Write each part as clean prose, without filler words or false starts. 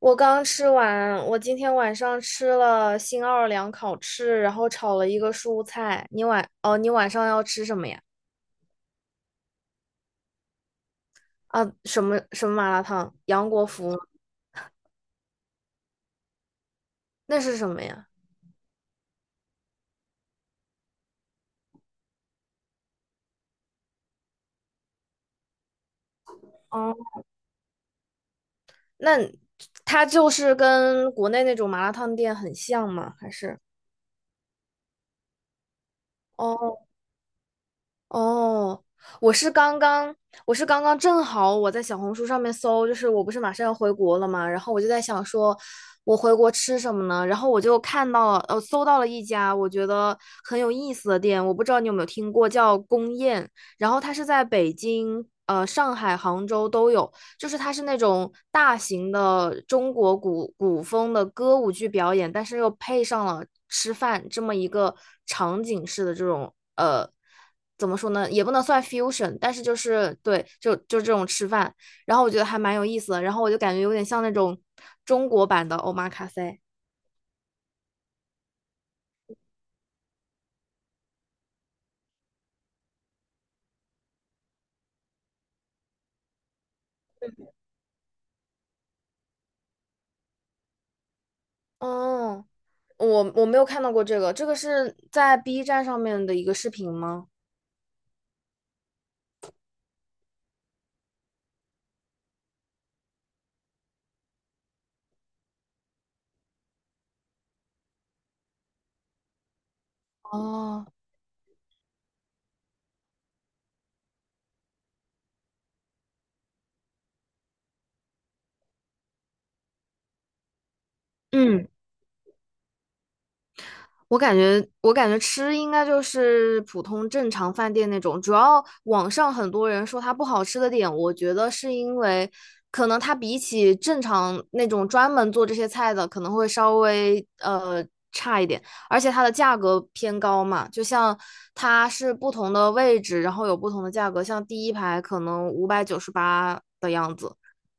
我刚吃完，我今天晚上吃了新奥尔良烤翅，然后炒了一个蔬菜。哦，你晚上要吃什么呀？啊，什么麻辣烫？杨国福吗？那是什么呀？哦，那它就是跟国内那种麻辣烫店很像吗？还是？哦，哦，我是刚刚，我是刚刚正好我在小红书上面搜，就是我不是马上要回国了嘛，然后我就在想说，我回国吃什么呢？然后我就看到了，呃，搜到了一家我觉得很有意思的店，我不知道你有没有听过，叫宫宴，然后它是在北京、上海、杭州都有，就是它是那种大型的中国古风的歌舞剧表演，但是又配上了吃饭这么一个场景式的这种。怎么说呢，也不能算 fusion，但是就是对，就这种吃饭，然后我觉得还蛮有意思的，然后我就感觉有点像那种中国版的 omakase。哦，我没有看到过这个，这个是在 B 站上面的一个视频吗？哦，嗯。我感觉吃应该就是普通正常饭店那种。主要网上很多人说它不好吃的点，我觉得是因为可能它比起正常那种专门做这些菜的，可能会稍微差一点，而且它的价格偏高嘛。就像它是不同的位置，然后有不同的价格，像第一排可能598的样子，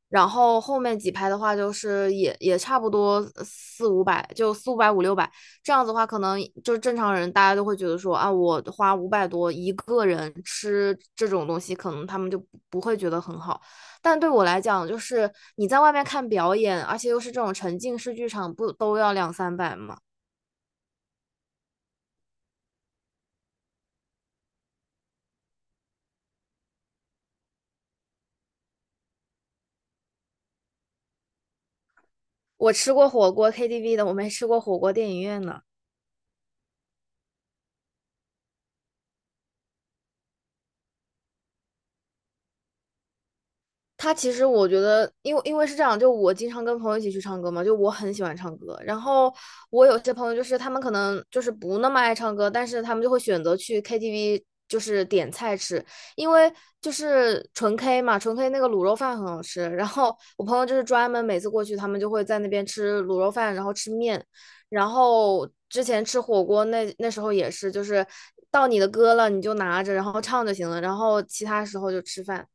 然后后面几排的话，就是也差不多四五百，就四五百五六百这样子的话，可能就是正常人大家都会觉得说啊，我花五百多一个人吃这种东西，可能他们就不会觉得很好。但对我来讲，就是你在外面看表演，而且又是这种沉浸式剧场，不都要两三百吗？我吃过火锅 KTV 的，我没吃过火锅电影院呢。他其实我觉得，因为是这样，就我经常跟朋友一起去唱歌嘛，就我很喜欢唱歌。然后我有些朋友就是他们可能就是不那么爱唱歌，但是他们就会选择去 KTV，就是点菜吃，因为就是纯 K 嘛，纯 K 那个卤肉饭很好吃。然后我朋友就是专门每次过去，他们就会在那边吃卤肉饭，然后吃面，然后之前吃火锅那时候也是，就是到你的歌了你就拿着，然后唱就行了，然后其他时候就吃饭。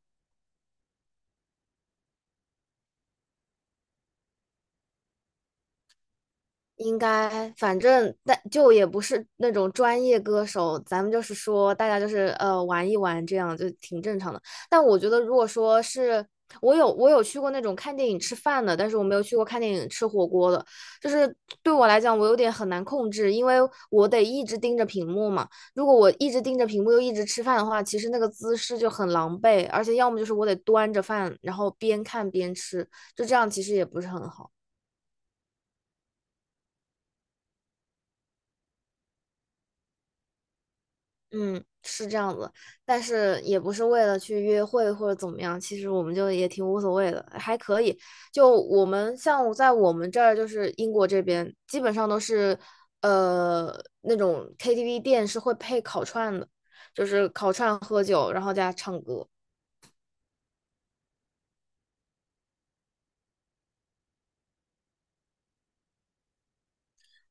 应该，反正但就也不是那种专业歌手，咱们就是说大家就是玩一玩，这样就挺正常的。但我觉得，如果说是我有去过那种看电影吃饭的，但是我没有去过看电影吃火锅的，就是对我来讲，我有点很难控制，因为我得一直盯着屏幕嘛。如果我一直盯着屏幕又一直吃饭的话，其实那个姿势就很狼狈，而且要么就是我得端着饭，然后边看边吃，就这样其实也不是很好。嗯，是这样子，但是也不是为了去约会或者怎么样，其实我们就也挺无所谓的，还可以。就我们像在我们这儿，就是英国这边，基本上都是呃那种 KTV 店是会配烤串的，就是烤串喝酒，然后加唱歌。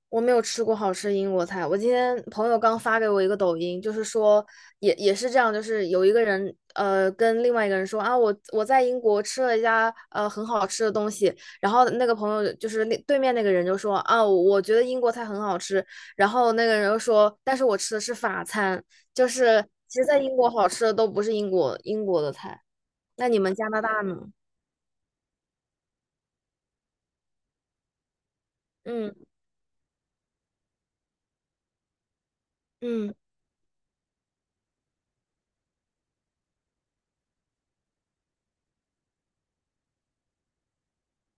我没有吃过好吃英国菜。我今天朋友刚发给我一个抖音，就是说也是这样，就是有一个人跟另外一个人说啊，我在英国吃了一家很好吃的东西，然后那个朋友就是那对面那个人就说啊，我觉得英国菜很好吃，然后那个人又说，但是我吃的是法餐，就是其实在英国好吃的都不是英国的菜。那你们加拿大呢？嗯嗯，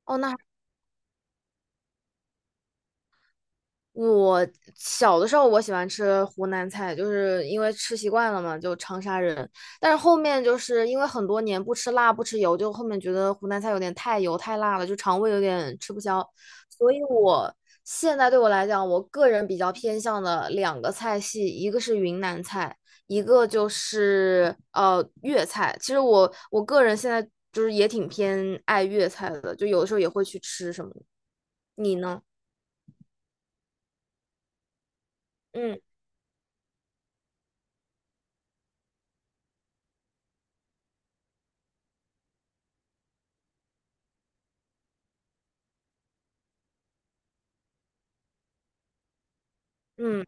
哦，那。我小的时候我喜欢吃湖南菜，就是因为吃习惯了嘛，就长沙人。但是后面就是因为很多年不吃辣不吃油，就后面觉得湖南菜有点太油太辣了，就肠胃有点吃不消。所以我现在对我来讲，我个人比较偏向的两个菜系，一个是云南菜，一个就是粤菜。其实我个人现在就是也挺偏爱粤菜的，就有的时候也会去吃什么的。你呢？嗯嗯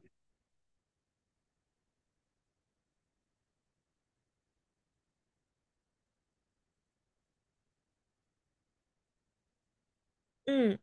嗯。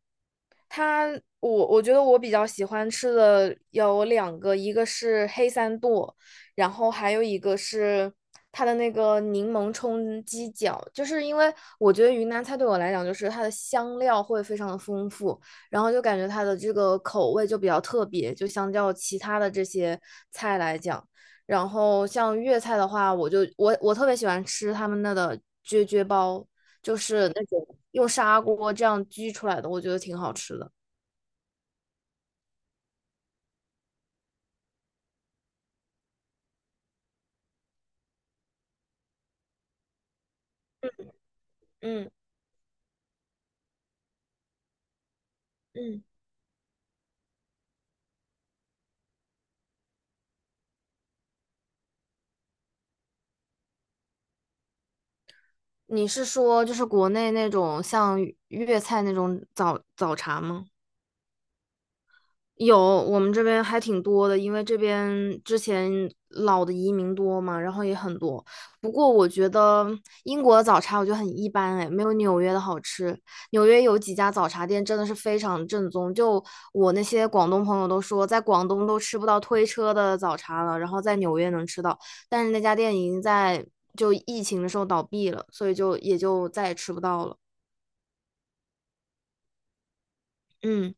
它，我觉得我比较喜欢吃的有两个，一个是黑三剁，然后还有一个是它的那个柠檬冲鸡脚，就是因为我觉得云南菜对我来讲，就是它的香料会非常的丰富，然后就感觉它的这个口味就比较特别，就相较其他的这些菜来讲。然后像粤菜的话，我就我我特别喜欢吃他们那的啫啫煲，就是那种用砂锅这样焗出来的，我觉得挺好吃的。嗯嗯，你是说就是国内那种像粤菜那种早茶吗？有，我们这边还挺多的，因为这边之前老的移民多嘛，然后也很多。不过我觉得英国的早茶我觉得很一般，哎，没有纽约的好吃。纽约有几家早茶店真的是非常正宗，就我那些广东朋友都说，在广东都吃不到推车的早茶了，然后在纽约能吃到，但是那家店已经就疫情的时候倒闭了，所以就也就再也吃不到了。嗯，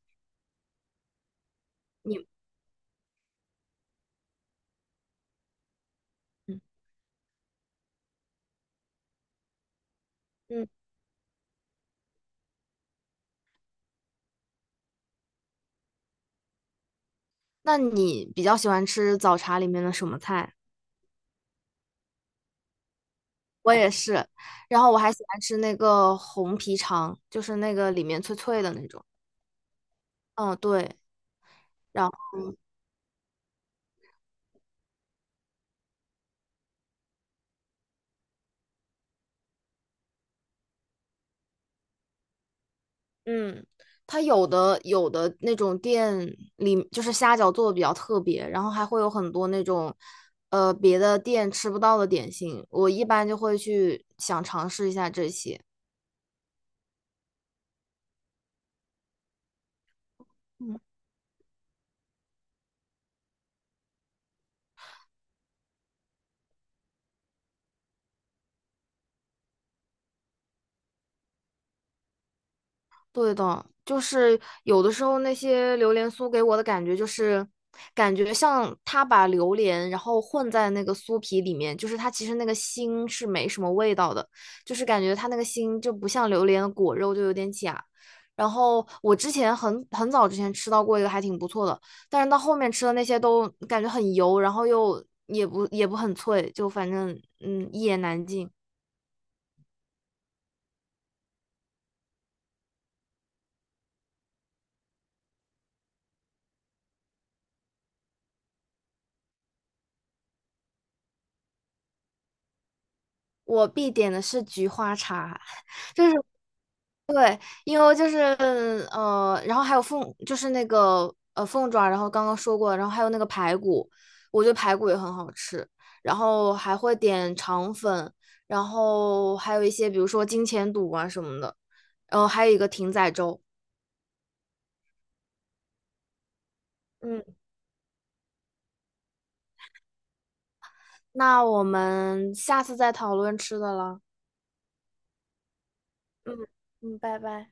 你，嗯嗯，那你比较喜欢吃早茶里面的什么菜？我也是。然后我还喜欢吃那个红皮肠，就是那个里面脆脆的那种。嗯，对。然后，嗯，它有的那种店里就是虾饺做的比较特别，然后还会有很多那种别的店吃不到的点心。我一般就会去想尝试一下这些。对的，就是有的时候那些榴莲酥给我的感觉就是，感觉像他把榴莲然后混在那个酥皮里面，就是它其实那个心是没什么味道的，就是感觉它那个心就不像榴莲的果肉就有点假。然后我之前很早之前吃到过一个还挺不错的，但是到后面吃的那些都感觉很油，然后又也不很脆，就反正一言难尽。我必点的是菊花茶。就是。因为就是然后还有就是那个凤爪，然后刚刚说过，然后还有那个排骨，我觉得排骨也很好吃，然后还会点肠粉，然后还有一些比如说金钱肚啊什么的，然后还有一个艇仔粥。嗯，那我们下次再讨论吃的了。嗯嗯，拜拜。